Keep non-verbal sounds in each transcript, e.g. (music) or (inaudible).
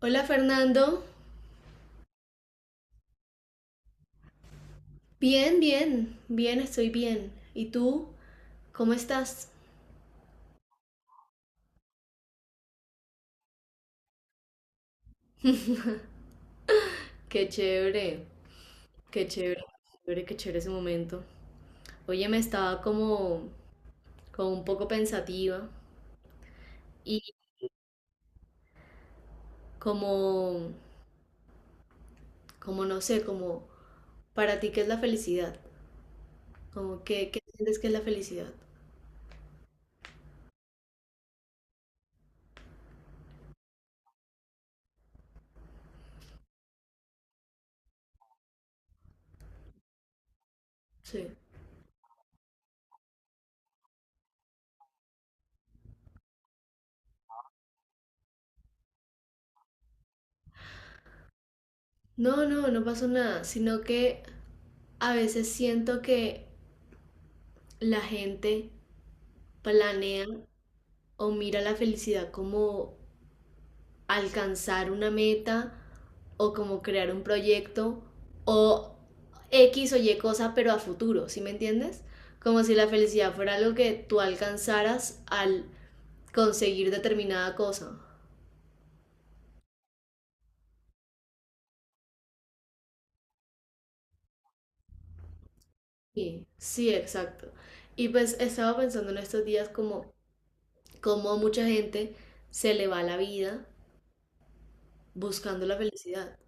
Hola Fernando, bien, bien, bien, estoy bien. ¿Y tú? ¿Cómo estás? Qué chévere, qué chévere, qué chévere, qué chévere ese momento. Oye, me estaba como un poco pensativa y como, como no sé, como para ti qué es la felicidad, como que, ¿qué sientes que es la felicidad? Sí. No, no, no pasó nada, sino que a veces siento que la gente planea o mira la felicidad como alcanzar una meta o como crear un proyecto o X o Y cosa, pero a futuro, ¿sí me entiendes? Como si la felicidad fuera algo que tú alcanzaras al conseguir determinada cosa. Sí, sí, exacto. Y pues estaba pensando en estos días como cómo a mucha gente se le va la vida buscando la felicidad.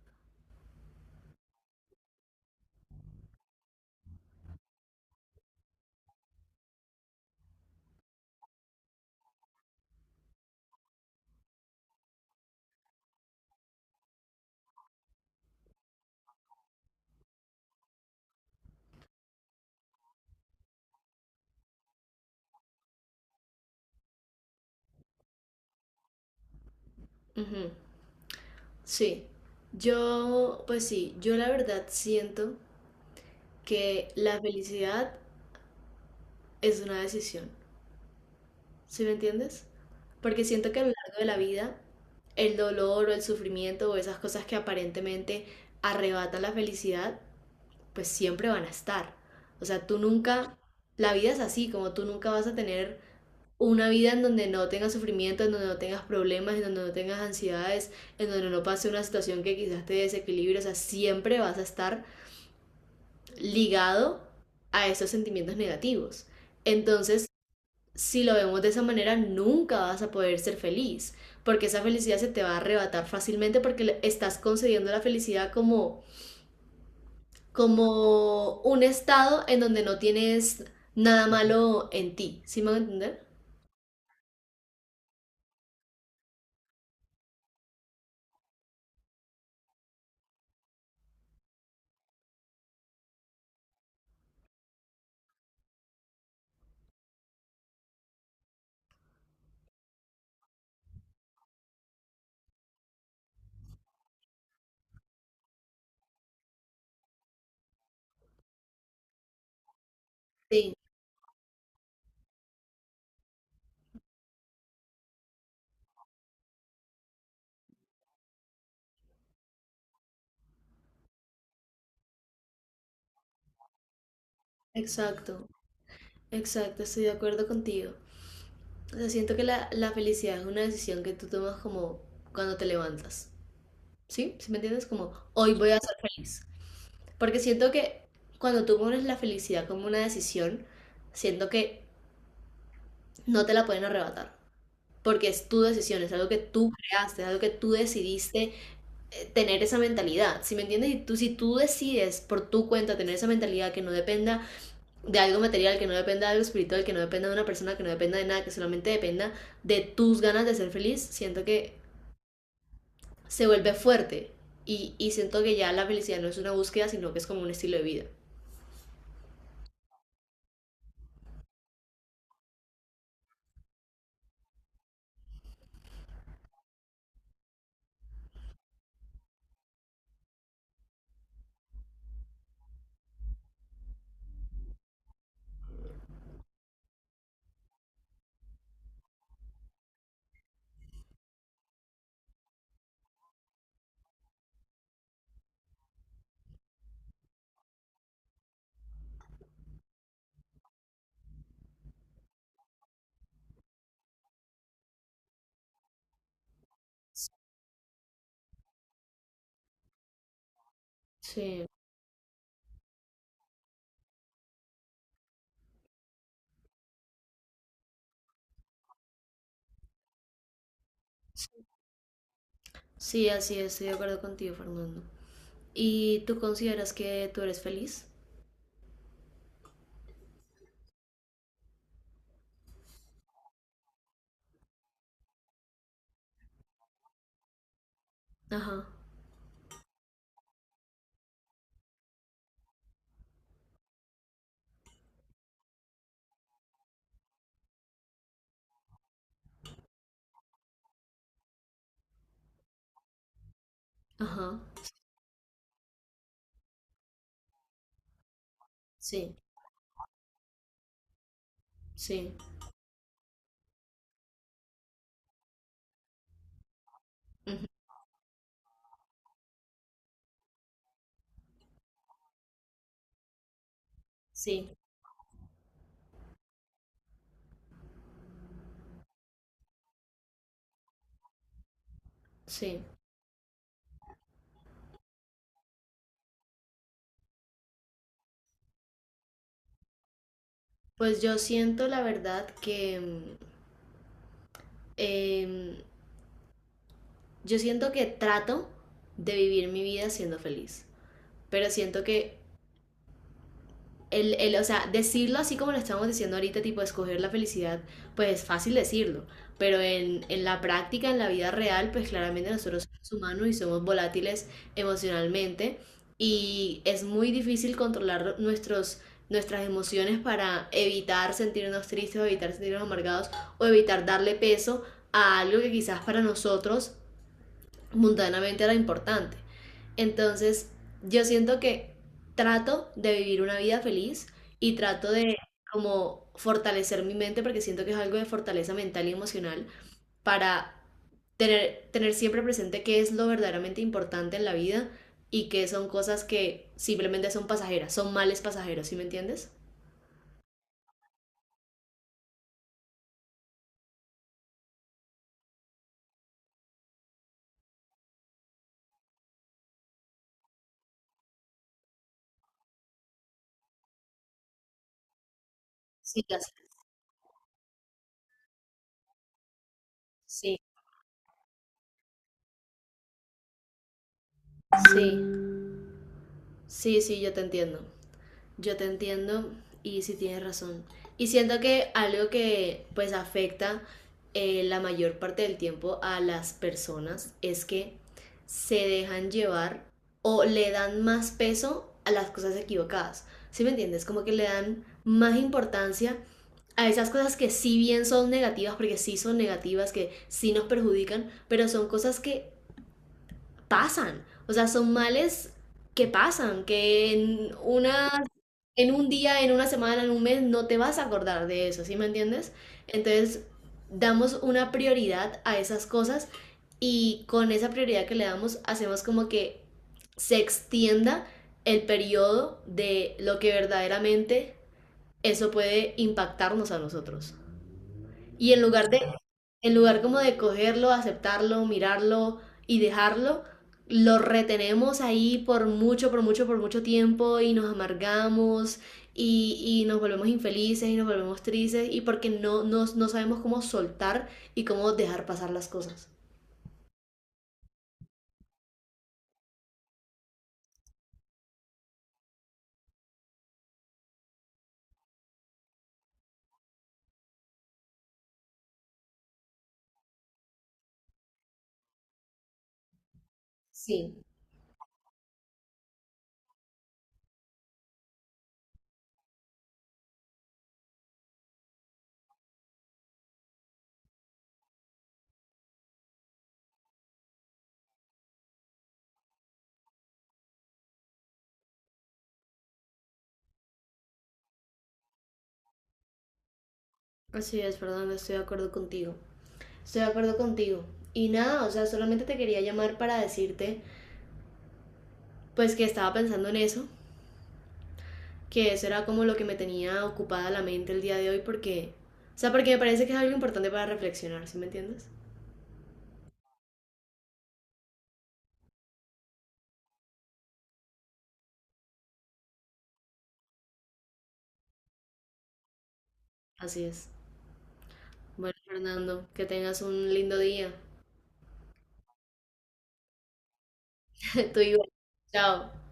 Ujú, sí. Yo, pues sí, yo la verdad siento que la felicidad es una decisión. ¿Sí me entiendes? Porque siento que a lo largo de la vida, el dolor o el sufrimiento o esas cosas que aparentemente arrebatan la felicidad, pues siempre van a estar. O sea, tú nunca, la vida es así, como tú nunca vas a tener una vida en donde no tengas sufrimiento, en donde no tengas problemas, en donde no tengas ansiedades, en donde no pase una situación que quizás te desequilibre. O sea, siempre vas a estar ligado a esos sentimientos negativos. Entonces, si lo vemos de esa manera, nunca vas a poder ser feliz, porque esa felicidad se te va a arrebatar fácilmente porque estás concediendo la felicidad como, como un estado en donde no tienes nada malo en ti. ¿Sí me van a entender? Sí, exacto, exacto, estoy de acuerdo contigo. O sea, siento que la felicidad es una decisión que tú tomas como cuando te levantas. ¿Sí? ¿Sí me entiendes? Como hoy voy a ser feliz. Porque siento que cuando tú pones la felicidad como una decisión, siento que no te la pueden arrebatar, porque es tu decisión, es algo que tú creaste, es algo que tú decidiste tener esa mentalidad. Si me entiendes, y tú, si tú decides por tu cuenta tener esa mentalidad que no dependa de algo material, que no dependa de algo espiritual, que no dependa de una persona, que no dependa de nada, que solamente dependa de tus ganas de ser feliz, siento que se vuelve fuerte y siento que ya la felicidad no es una búsqueda, sino que es como un estilo de vida. Sí, sí, así es, estoy de acuerdo contigo, Fernando. ¿Y tú consideras que tú eres feliz? Ajá. Ajá, sí, sí, ujú, sí, sí. Pues yo siento la verdad que em, yo siento que trato de vivir mi vida siendo feliz, pero siento que el, o sea, decirlo así como lo estamos diciendo ahorita, tipo escoger la felicidad, pues es fácil decirlo, pero en la práctica, en la vida real, pues claramente nosotros somos humanos y somos volátiles emocionalmente y es muy difícil controlar nuestros, nuestras emociones para evitar sentirnos tristes o evitar sentirnos amargados o evitar darle peso a algo que quizás para nosotros mundanamente era importante. Entonces, yo siento que trato de vivir una vida feliz y trato de como fortalecer mi mente porque siento que es algo de fortaleza mental y emocional para tener siempre presente qué es lo verdaderamente importante en la vida y qué son cosas que simplemente son pasajeras, son males pasajeros, ¿sí me entiendes? Sí, gracias. Sí, sí, sí, sí, yo te entiendo. Yo te entiendo y sí tienes razón. Y siento que algo que pues afecta la mayor parte del tiempo a las personas es que se dejan llevar o le dan más peso a las cosas equivocadas. ¿Sí me entiendes? Como que le dan más importancia a esas cosas que sí bien son negativas, porque sí son negativas, que sí nos perjudican, pero son cosas que pasan. O sea, son males que pasan, que en un día, en una semana, en un mes, no te vas a acordar de eso, ¿sí me entiendes? Entonces, damos una prioridad a esas cosas y con esa prioridad que le damos, hacemos como que se extienda el periodo de lo que verdaderamente eso puede impactarnos a nosotros. Y en lugar de, en lugar como de cogerlo, aceptarlo, mirarlo y dejarlo, lo retenemos ahí por mucho, por mucho, por mucho tiempo y nos amargamos y nos volvemos infelices y nos volvemos tristes y porque no sabemos cómo soltar y cómo dejar pasar las cosas. Sí, así es, perdón, estoy de acuerdo contigo. Estoy de acuerdo contigo. Y nada, o sea, solamente te quería llamar para decirte, pues que estaba pensando en eso, que eso era como lo que me tenía ocupada la mente el día de hoy porque, o sea, porque me parece que es algo importante para reflexionar, ¿sí me entiendes? Así es. Bueno, Fernando, que tengas un lindo día. (laughs) Tú igual. Chao.